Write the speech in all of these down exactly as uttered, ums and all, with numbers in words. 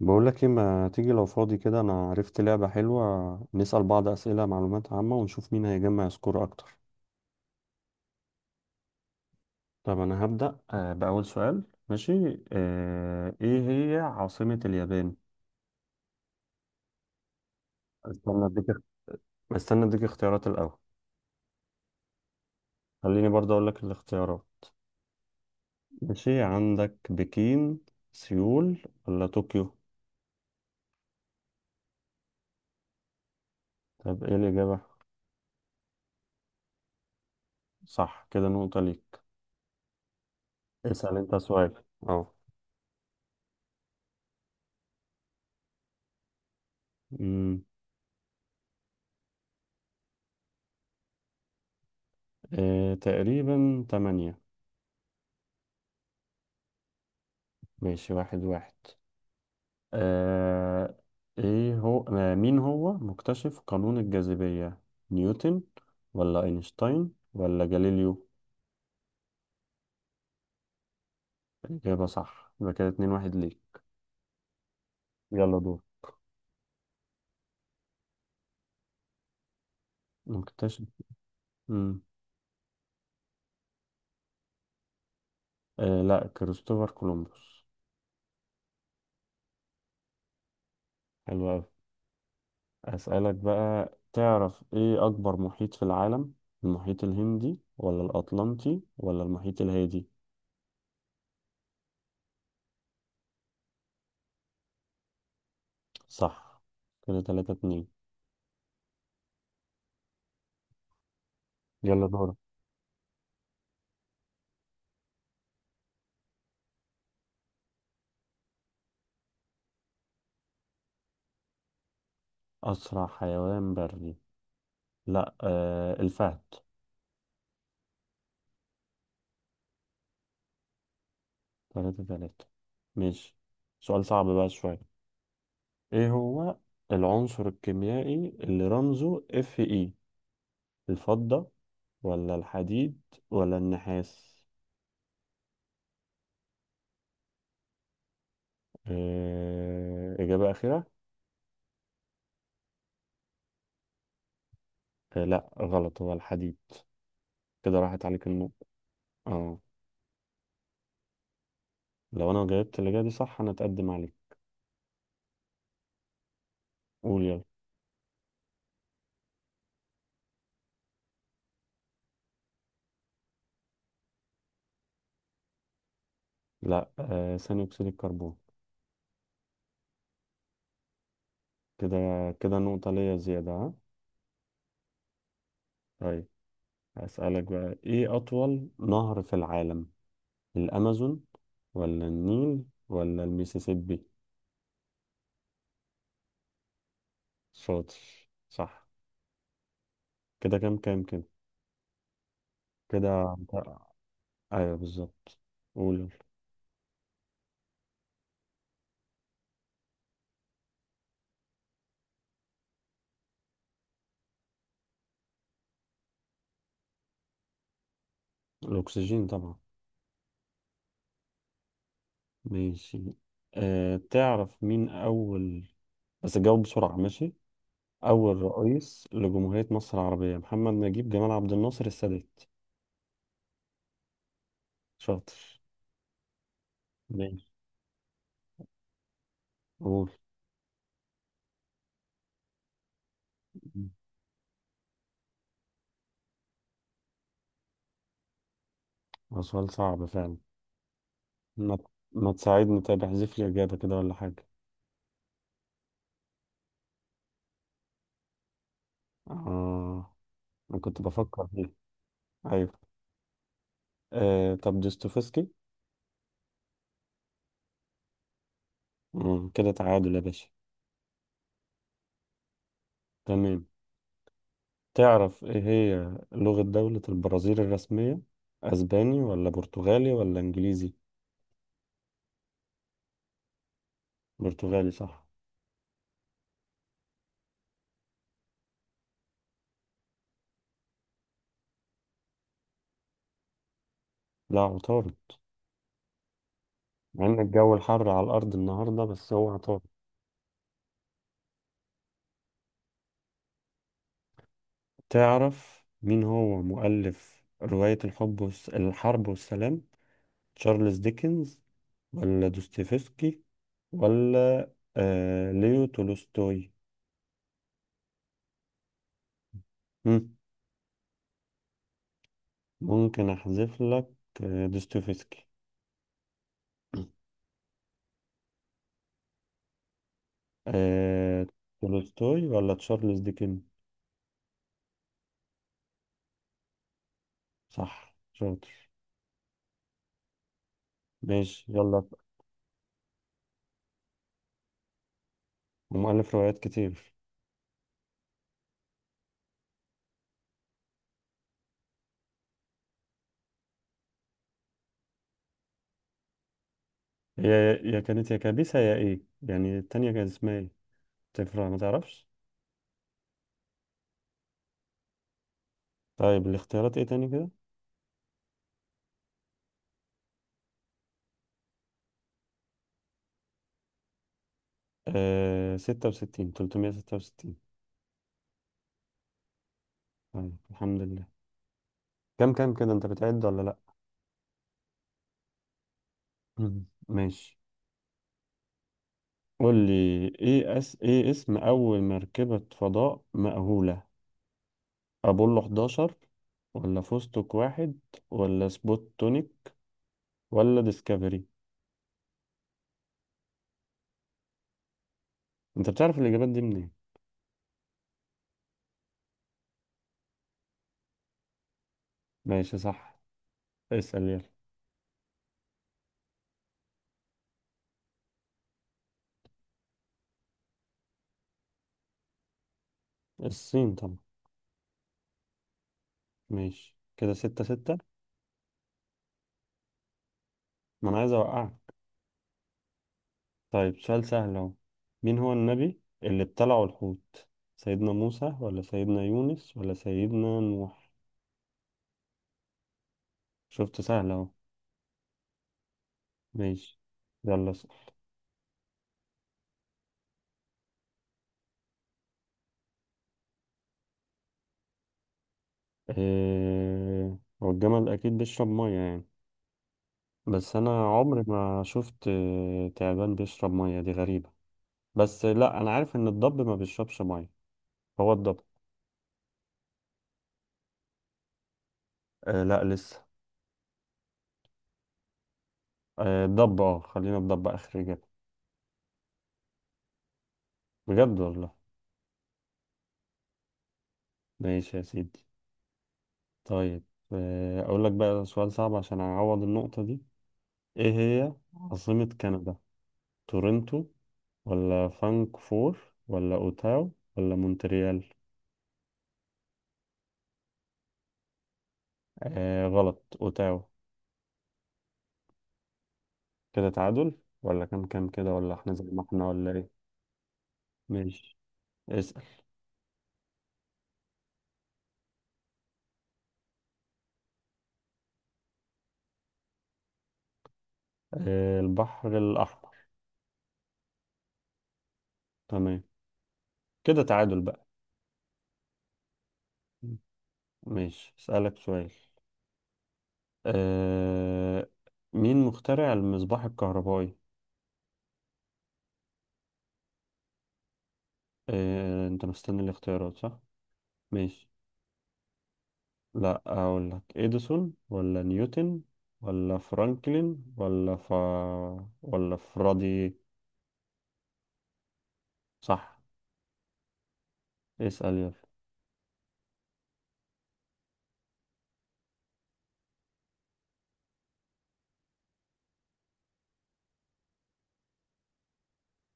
بقولك ايه، ما تيجي لو فاضي كده؟ انا عرفت لعبة حلوة، نسأل بعض أسئلة معلومات عامة ونشوف مين هيجمع سكور اكتر. طب أنا هبدأ آه، بأول سؤال. ماشي، آه، إيه هي عاصمة اليابان؟ استنى أديك استنى أديك اختيارات الأول. خليني برضه أقول لك الاختيارات. ماشي، عندك بكين، سيول ولا طوكيو؟ طب إيه الإجابة؟ صح، كده نقطة ليك. اسأل أنت سؤال. أه أمم، آه، تقريبا تمانية. ماشي، واحد واحد. آه ايه هو آه مين هو مكتشف قانون الجاذبية؟ نيوتن ولا اينشتاين ولا جاليليو؟ الإجابة صح، يبقى كده اتنين واحد ليك. يلا دور. مكتشف. مم. آه لا، كريستوفر كولومبوس. حلو أوي. أسألك بقى، تعرف ايه أكبر محيط في العالم؟ المحيط الهندي ولا الأطلنطي ولا المحيط الهادي؟ صح، كده تلاتة اتنين. يلا دور. أسرع حيوان بري؟ لا، آه الفهد. تلاتة تلاتة. ماشي. سؤال صعب بقى شوية. ايه هو العنصر الكيميائي اللي رمزه اف اي؟ الفضة ولا الحديد ولا النحاس؟ إيه... إجابة أخيرة؟ إيه لا، غلط، هو الحديد. كده راحت عليك النقطة. اه. لو أنا جاوبت الإجابة دي صح، أنا أتقدم عليك. قول يلا. لا، آه ثاني أكسيد الكربون. كده كده نقطة ليا زيادة، ها؟ طيب. هسألك بقى، إيه أطول نهر في العالم؟ الأمازون ولا النيل ولا الميسيسيبي؟ شاطر، صح. كده كام كام كده. كده. أيوه، بالظبط. قول يلا. الأكسجين طبعا. ماشي. أه تعرف مين أول، بس جاوب بسرعة، ماشي؟ أول رئيس لجمهورية مصر العربية، محمد نجيب، جمال عبد الناصر، السادات؟ شاطر. ماشي. قول. هو سؤال صعب فعلا. ما ما تساعدني طيب، احذف لي إجابة كده ولا حاجة. آه. أنا كنت بفكر فيه. أيوه. آه طب دوستويفسكي. مم، كده تعادل يا باشا. تمام. تعرف ايه هي لغة دولة البرازيل الرسمية؟ اسباني ولا برتغالي ولا انجليزي؟ برتغالي، صح. لا، عطارد. مع ان الجو الحر على الارض النهاردة، بس هو عطارد. تعرف مين هو مؤلف رواية الحب والس... الحرب والسلام؟ تشارلز ديكنز ولا دوستويفسكي ولا آه ليو تولستوي؟ مم، ممكن احذف لك آه، دوستويفسكي. آه... تولستوي ولا تشارلز ديكن؟ صح، شاطر. ماشي يلا. ومؤلف روايات كتير. هي يا كانت يا كابيسة، يا ايه يعني التانية، كانت اسمها ايه؟ تفرق؟ ما تعرفش؟ طيب، الاختيارات ايه تاني كده؟ آه... ستة وستين تلتمية ستة وستين. طيب، الحمد لله. كم كم كده، انت بتعد ولا لأ؟ مم. ماشي. قول لي ايه أس... ايه اسم اول مركبة فضاء مأهولة؟ ابولو حداشر ولا فستق واحد ولا سبوتونيك ولا ديسكفري؟ انت بتعرف الاجابات دي منين؟ ماشي، صح. اسأل يلا. الصين طبعا. ماشي، كده ستة ستة. ما انا عايز اوقعك. طيب، سؤال سهل اهو. مين هو النبي اللي ابتلعه الحوت؟ سيدنا موسى ولا سيدنا يونس ولا سيدنا نوح؟ شفت، سهل اهو. ماشي، يلا اسأل. اه... هو الجمل اكيد بيشرب مية يعني. بس انا عمري ما شفت، آه، تعبان بيشرب مية، دي غريبة. بس لا، انا عارف ان الضب ما بيشربش مية. هو الضب. آه لا، لسه. آه الضب اه خلينا الضب اخر اجابه. بجد والله. ماشي يا سيدي. طيب، آه اقول لك بقى سؤال صعب عشان اعوض النقطه دي. ايه هي عاصمه كندا؟ تورنتو ولا فانكفور ولا اوتاو ولا مونتريال؟ آه غلط، اوتاو. كده تعادل؟ ولا كام كام كده، ولا احنا زي ما احنا، ولا ايه؟ ماشي، اسأل. آه البحر الاحمر. تمام، كده تعادل بقى. ماشي، اسألك سؤال. آه مين مخترع المصباح الكهربائي؟ آه انت مستني الاختيارات، صح؟ ماشي. لا، اقول لك اديسون ولا نيوتن ولا فرانكلين ولا ف... ولا فرادي؟ صح. اسأل يلا.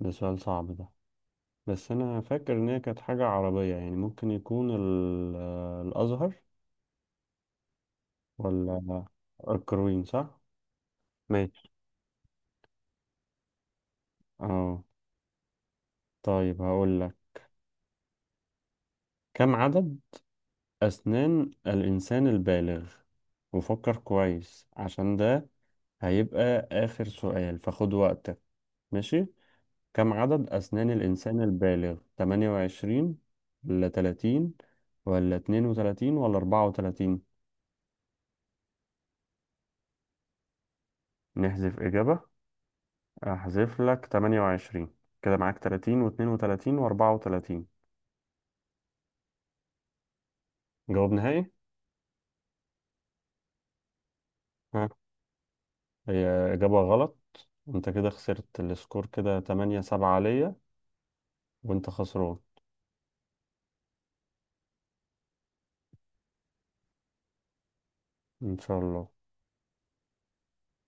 ده سؤال صعب ده. بس انا فاكر ان هي كانت حاجة عربية يعني، ممكن يكون ال... آه، الازهر ولا... الكروين، صح؟ ماشي. اه. طيب، هقول لك. كم عدد أسنان الإنسان البالغ؟ وفكر كويس عشان ده هيبقى آخر سؤال، فخد وقتك. ماشي. كم عدد أسنان الإنسان البالغ، تمانية وعشرين ولا ثلاثين ولا اثنين وثلاثين ولا اربعة وتلاتين؟ نحذف إجابة؟ أحذف لك تمانية وعشرين. كده معاك تلاتين و32 و34. جواب نهائي؟ ها. هي إجابة غلط. انت كده خسرت السكور، كده تمانية سبعة عليا، وانت خسران. ان شاء الله.